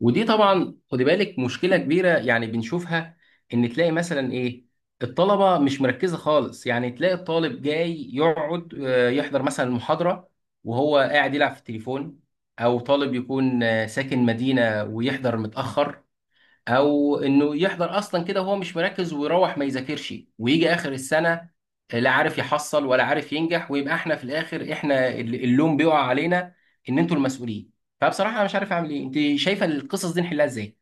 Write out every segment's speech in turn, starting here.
ودي طبعا خدي بالك، مشكله كبيره يعني بنشوفها. ان تلاقي مثلا ايه، الطلبه مش مركزه خالص. يعني تلاقي الطالب جاي يقعد، يحضر مثلا المحاضره وهو قاعد يلعب في التليفون. او طالب يكون ساكن مدينه ويحضر متاخر. او انه يحضر اصلا كده وهو مش مركز ويروح ما يذاكرش، ويجي اخر السنه لا عارف يحصل ولا عارف ينجح. ويبقى احنا في الاخر، احنا اللوم بيقع علينا، ان انتوا المسؤولين. فبصراحه انا مش عارف اعمل ايه، انت شايفه القصص دي نحلها ازاي؟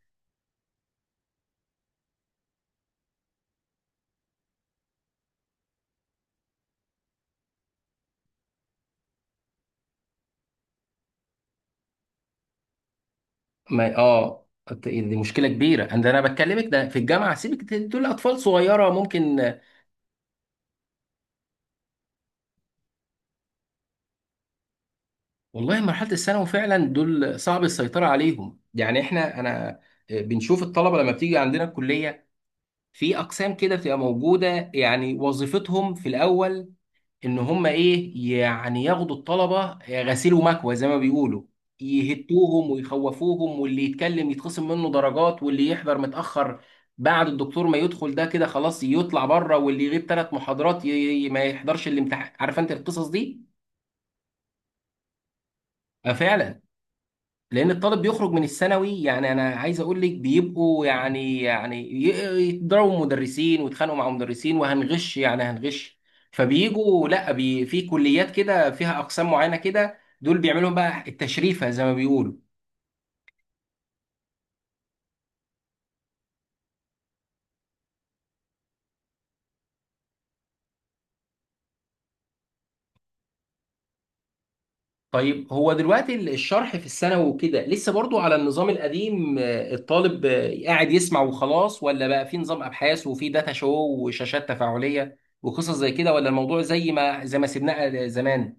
ما دي مشكله كبيره، انا بكلمك ده في الجامعه، سيبك، دول اطفال صغيره ممكن. والله مرحله الثانوي فعلا دول صعب السيطره عليهم. يعني احنا انا بنشوف الطلبه لما بتيجي عندنا الكليه. في اقسام كده بتبقى موجوده، يعني وظيفتهم في الاول ان هم ايه؟ يعني ياخدوا الطلبه غسيل ومكوى زي ما بيقولوا، يهتوهم ويخوفوهم، واللي يتكلم يتخصم منه درجات، واللي يحضر متاخر بعد الدكتور ما يدخل ده كده خلاص يطلع بره، واللي يغيب 3 محاضرات ما يحضرش الامتحان. عارف انت القصص دي. آه، فعلا. لان الطالب بيخرج من الثانوي، يعني انا عايز اقول لك بيبقوا يعني يضربوا مدرسين ويتخانقوا مع مدرسين، وهنغش يعني هنغش. فبيجوا لا بي في كليات كده فيها اقسام معينه كده، دول بيعملوا لهم بقى التشريفه زي ما بيقولوا. طيب هو دلوقتي الشرح في الثانوي وكده لسه برضو على النظام القديم، الطالب قاعد يسمع وخلاص؟ ولا بقى في نظام ابحاث وفي داتا شو وشاشات تفاعليه وقصص زي كده؟ ولا الموضوع زي ما سيبناه زمان؟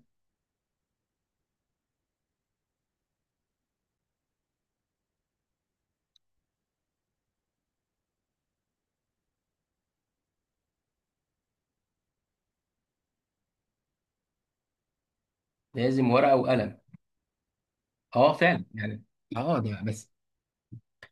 لازم ورقه وقلم. اه، فعلا يعني. اه، ده بس.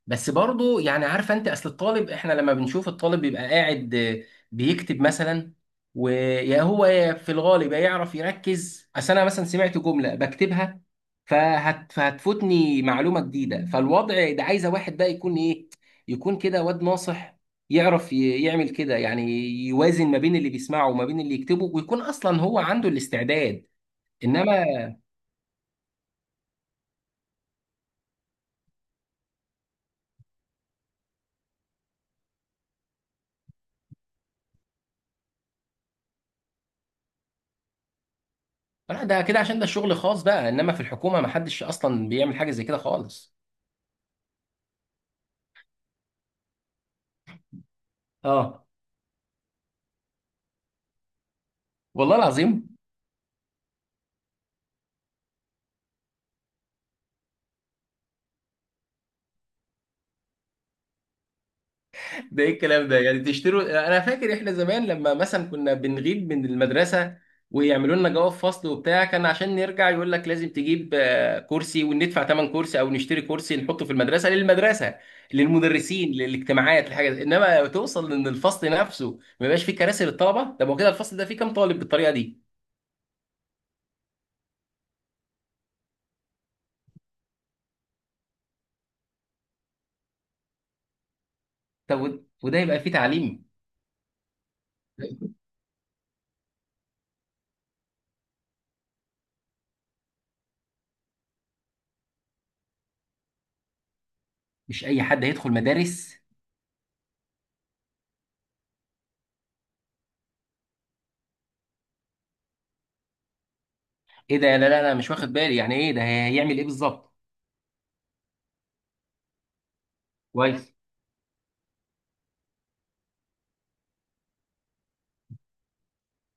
بس برضه يعني، عارفه انت، اصل الطالب احنا لما بنشوف الطالب بيبقى قاعد، بيكتب مثلا. ويا هو يا في الغالب يا يعرف يركز، اصل انا مثلا سمعت جمله بكتبها فهتفوتني معلومه جديده. فالوضع ده عايزه واحد بقى يكون ايه؟ يكون كده واد ناصح، يعرف يعمل كده يعني، يوازن ما بين اللي بيسمعه وما بين اللي يكتبه، ويكون اصلا هو عنده الاستعداد. انما. لا، ده كده عشان ده شغل خاص بقى، انما في الحكومه ما حدش اصلا بيعمل حاجه زي كده خالص. اه، والله العظيم. ده ايه الكلام ده؟ يعني تشتروا؟ انا فاكر احنا زمان لما مثلا كنا بنغيب من المدرسه، ويعملوا لنا جواب فصل وبتاع كان عشان نرجع، يقول لك لازم تجيب كرسي وندفع ثمن كرسي، او نشتري كرسي نحطه في المدرسه، للمدرسه، للمدرسين، للاجتماعات، لحاجه انما توصل ان الفصل نفسه ما يبقاش فيه كراسي للطلبه؟ طب هو كده الفصل ده فيه كام طالب بالطريقه دي؟ طب وده يبقى فيه تعليم؟ مش اي حد هيدخل مدارس. ايه ده؟ لا لا لا، مش واخد بالي. يعني ايه ده؟ هيعمل ايه بالظبط؟ كويس.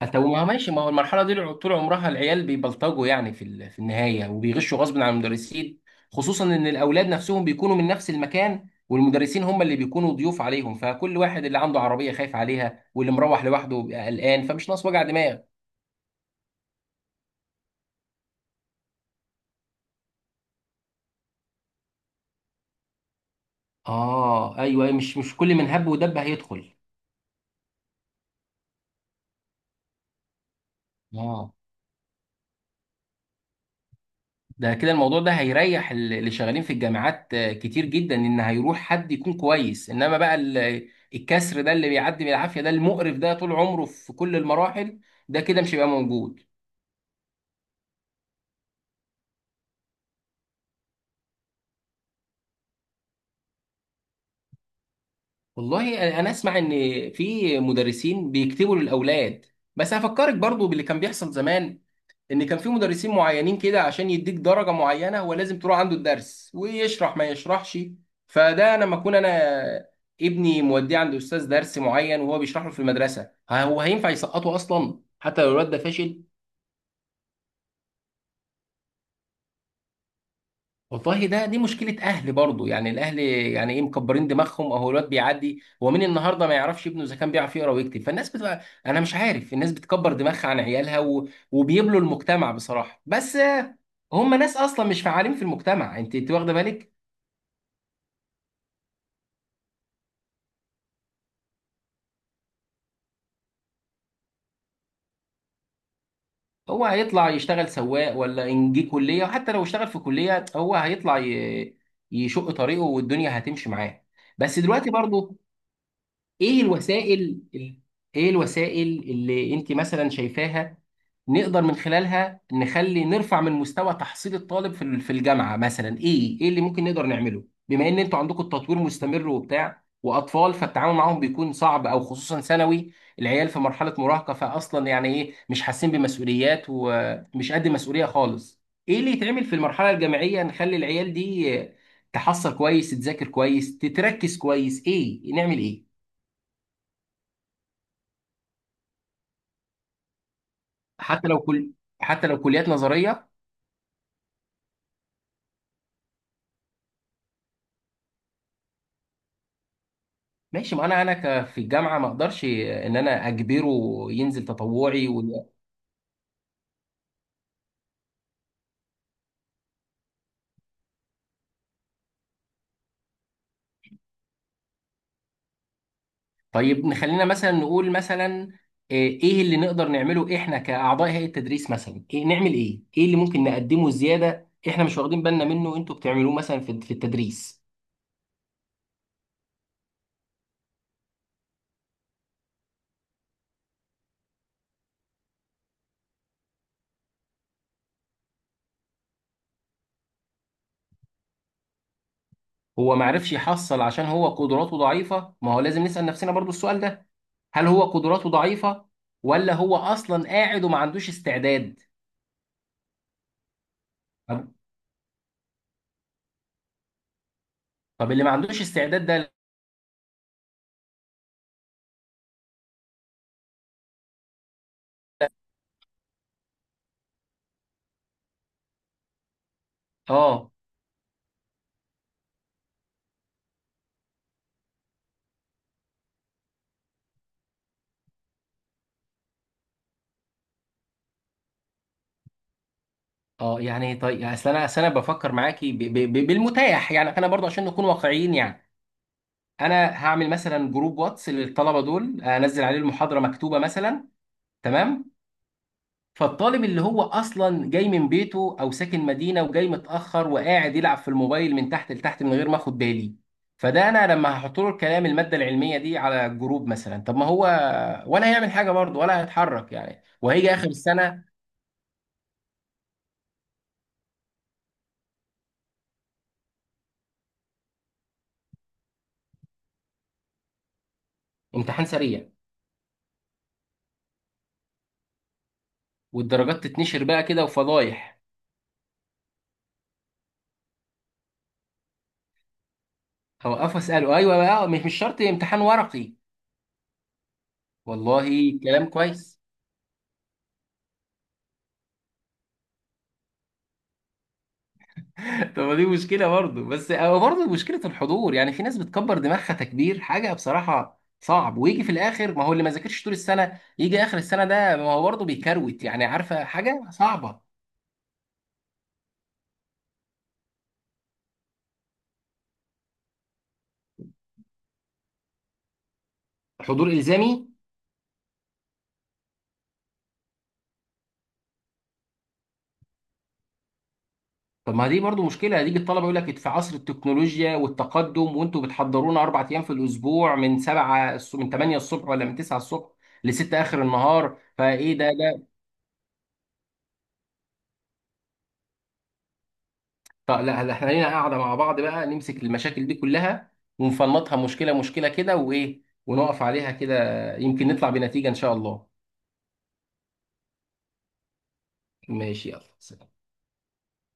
حتى ما هو ماشي، ما هو المرحله دي طول عمرها العيال بيبلطجوا يعني في النهايه، وبيغشوا غصب عن المدرسين. خصوصا ان الاولاد نفسهم بيكونوا من نفس المكان والمدرسين هم اللي بيكونوا ضيوف عليهم، فكل واحد اللي عنده عربيه خايف عليها واللي مروح لوحده بيبقى قلقان، فمش ناقص وجع دماغ. اه، ايوه، أيوة، مش كل من هب ودب هيدخل. اه، ده كده الموضوع ده هيريح اللي شغالين في الجامعات كتير جدا، ان هيروح حد يكون كويس. انما بقى الكسر ده اللي بيعدي بالعافيه، ده المقرف، ده طول عمره في كل المراحل، ده كده مش هيبقى موجود. والله انا اسمع ان في مدرسين بيكتبوا للاولاد. بس هفكرك برضو باللي كان بيحصل زمان، ان كان في مدرسين معينين كده عشان يديك درجه معينه هو لازم تروح عنده الدرس، ويشرح ما يشرحش. فده انا لما اكون انا ابني موديه عند استاذ درس معين وهو بيشرح له في المدرسه، ها هو هينفع يسقطه اصلا حتى لو الواد ده فاشل؟ والله دي مشكلة أهل برضه، يعني الأهل يعني إيه مكبرين دماغهم؟ أهو الواد بيعدي، هو مين النهاردة ما يعرفش ابنه إذا كان بيعرف يقرأ ويكتب؟ فالناس بتبقى، أنا مش عارف، الناس بتكبر دماغها عن عيالها وبيبلوا المجتمع بصراحة. بس هم ناس أصلا مش فعالين في المجتمع. أنت واخدة بالك؟ هو هيطلع يشتغل سواق ولا إن جه كلية، وحتى لو اشتغل في كلية هو هيطلع يشق طريقه والدنيا هتمشي معاه. بس دلوقتي برضه، إيه الوسائل ال- إيه الوسائل اللي أنت مثلا شايفاها نقدر من خلالها نخلي نرفع من مستوى تحصيل الطالب في الجامعه مثلا؟ ايه اللي ممكن نقدر نعمله بما ان انتوا عندكم التطوير مستمر وبتاع، واطفال فالتعامل معاهم بيكون صعب، او خصوصا ثانوي، العيال في مرحله مراهقه فاصلا يعني، ايه مش حاسين بمسؤوليات ومش قد مسؤوليه خالص. ايه اللي يتعمل في المرحله الجامعيه نخلي العيال دي تحصل كويس، تذاكر كويس، تتركز كويس؟ ايه نعمل ايه؟ حتى لو كل حتى لو كليات نظريه. ماشي، ما انا في الجامعه ما اقدرش ان انا اجبره ينزل تطوعي طيب نخلينا مثلا نقول مثلا، إيه اللي نقدر نعمله احنا كاعضاء هيئه التدريس مثلا؟ إيه نعمل ايه اللي ممكن نقدمه زياده، احنا مش واخدين بالنا منه انتوا بتعملوه مثلا في التدريس؟ هو ما عرفش يحصل عشان هو قدراته ضعيفه، ما هو لازم نسال نفسنا برضو السؤال ده، هل هو قدراته ضعيفه ولا هو اصلا قاعد وما عندوش استعداد؟ طب طب اللي ما عندوش استعداد ده. اه اه، يعني طيب يعني، اصل انا بفكر معاكي بالمتاح يعني، انا برضه عشان نكون واقعيين يعني. انا هعمل مثلا جروب واتس للطلبه دول، انزل عليه المحاضره مكتوبه مثلا. تمام. فالطالب اللي هو اصلا جاي من بيته او ساكن مدينه وجاي متاخر وقاعد يلعب في الموبايل من تحت لتحت من غير ما اخد بالي، فده انا لما هحط له الكلام الماده العلميه دي على الجروب مثلا، طب ما هو ولا هيعمل حاجه برضه ولا هيتحرك يعني، وهيجي اخر السنه. امتحان سريع. والدرجات تتنشر بقى كده وفضايح. هوقفه اساله، ايوه بقى، مش شرط امتحان ورقي. والله كلام كويس. طب ما دي مشكله برضه، بس او برضه مشكله الحضور يعني، في ناس بتكبر دماغها تكبير حاجه بصراحه صعب. ويجي في الاخر، ما هو اللي ما ذاكرش طول السنه يجي اخر السنه ده ما هو برضه بيكروت يعني، عارفه، حاجه صعبه. حضور الزامي. طب ما دي برضه مشكله، هتيجي الطلبه يقول لك في عصر التكنولوجيا والتقدم وانتوا بتحضرونا 4 ايام في الاسبوع من 7 من 8 الصبح ولا من 9 الصبح لستة اخر النهار، فايه ده؟ طب لا لا، احنا لينا قاعده مع بعض بقى نمسك المشاكل دي كلها، ونفنطها مشكله مشكله كده وايه، ونقف عليها كده. يمكن نطلع بنتيجه ان شاء الله. ماشي، يلا.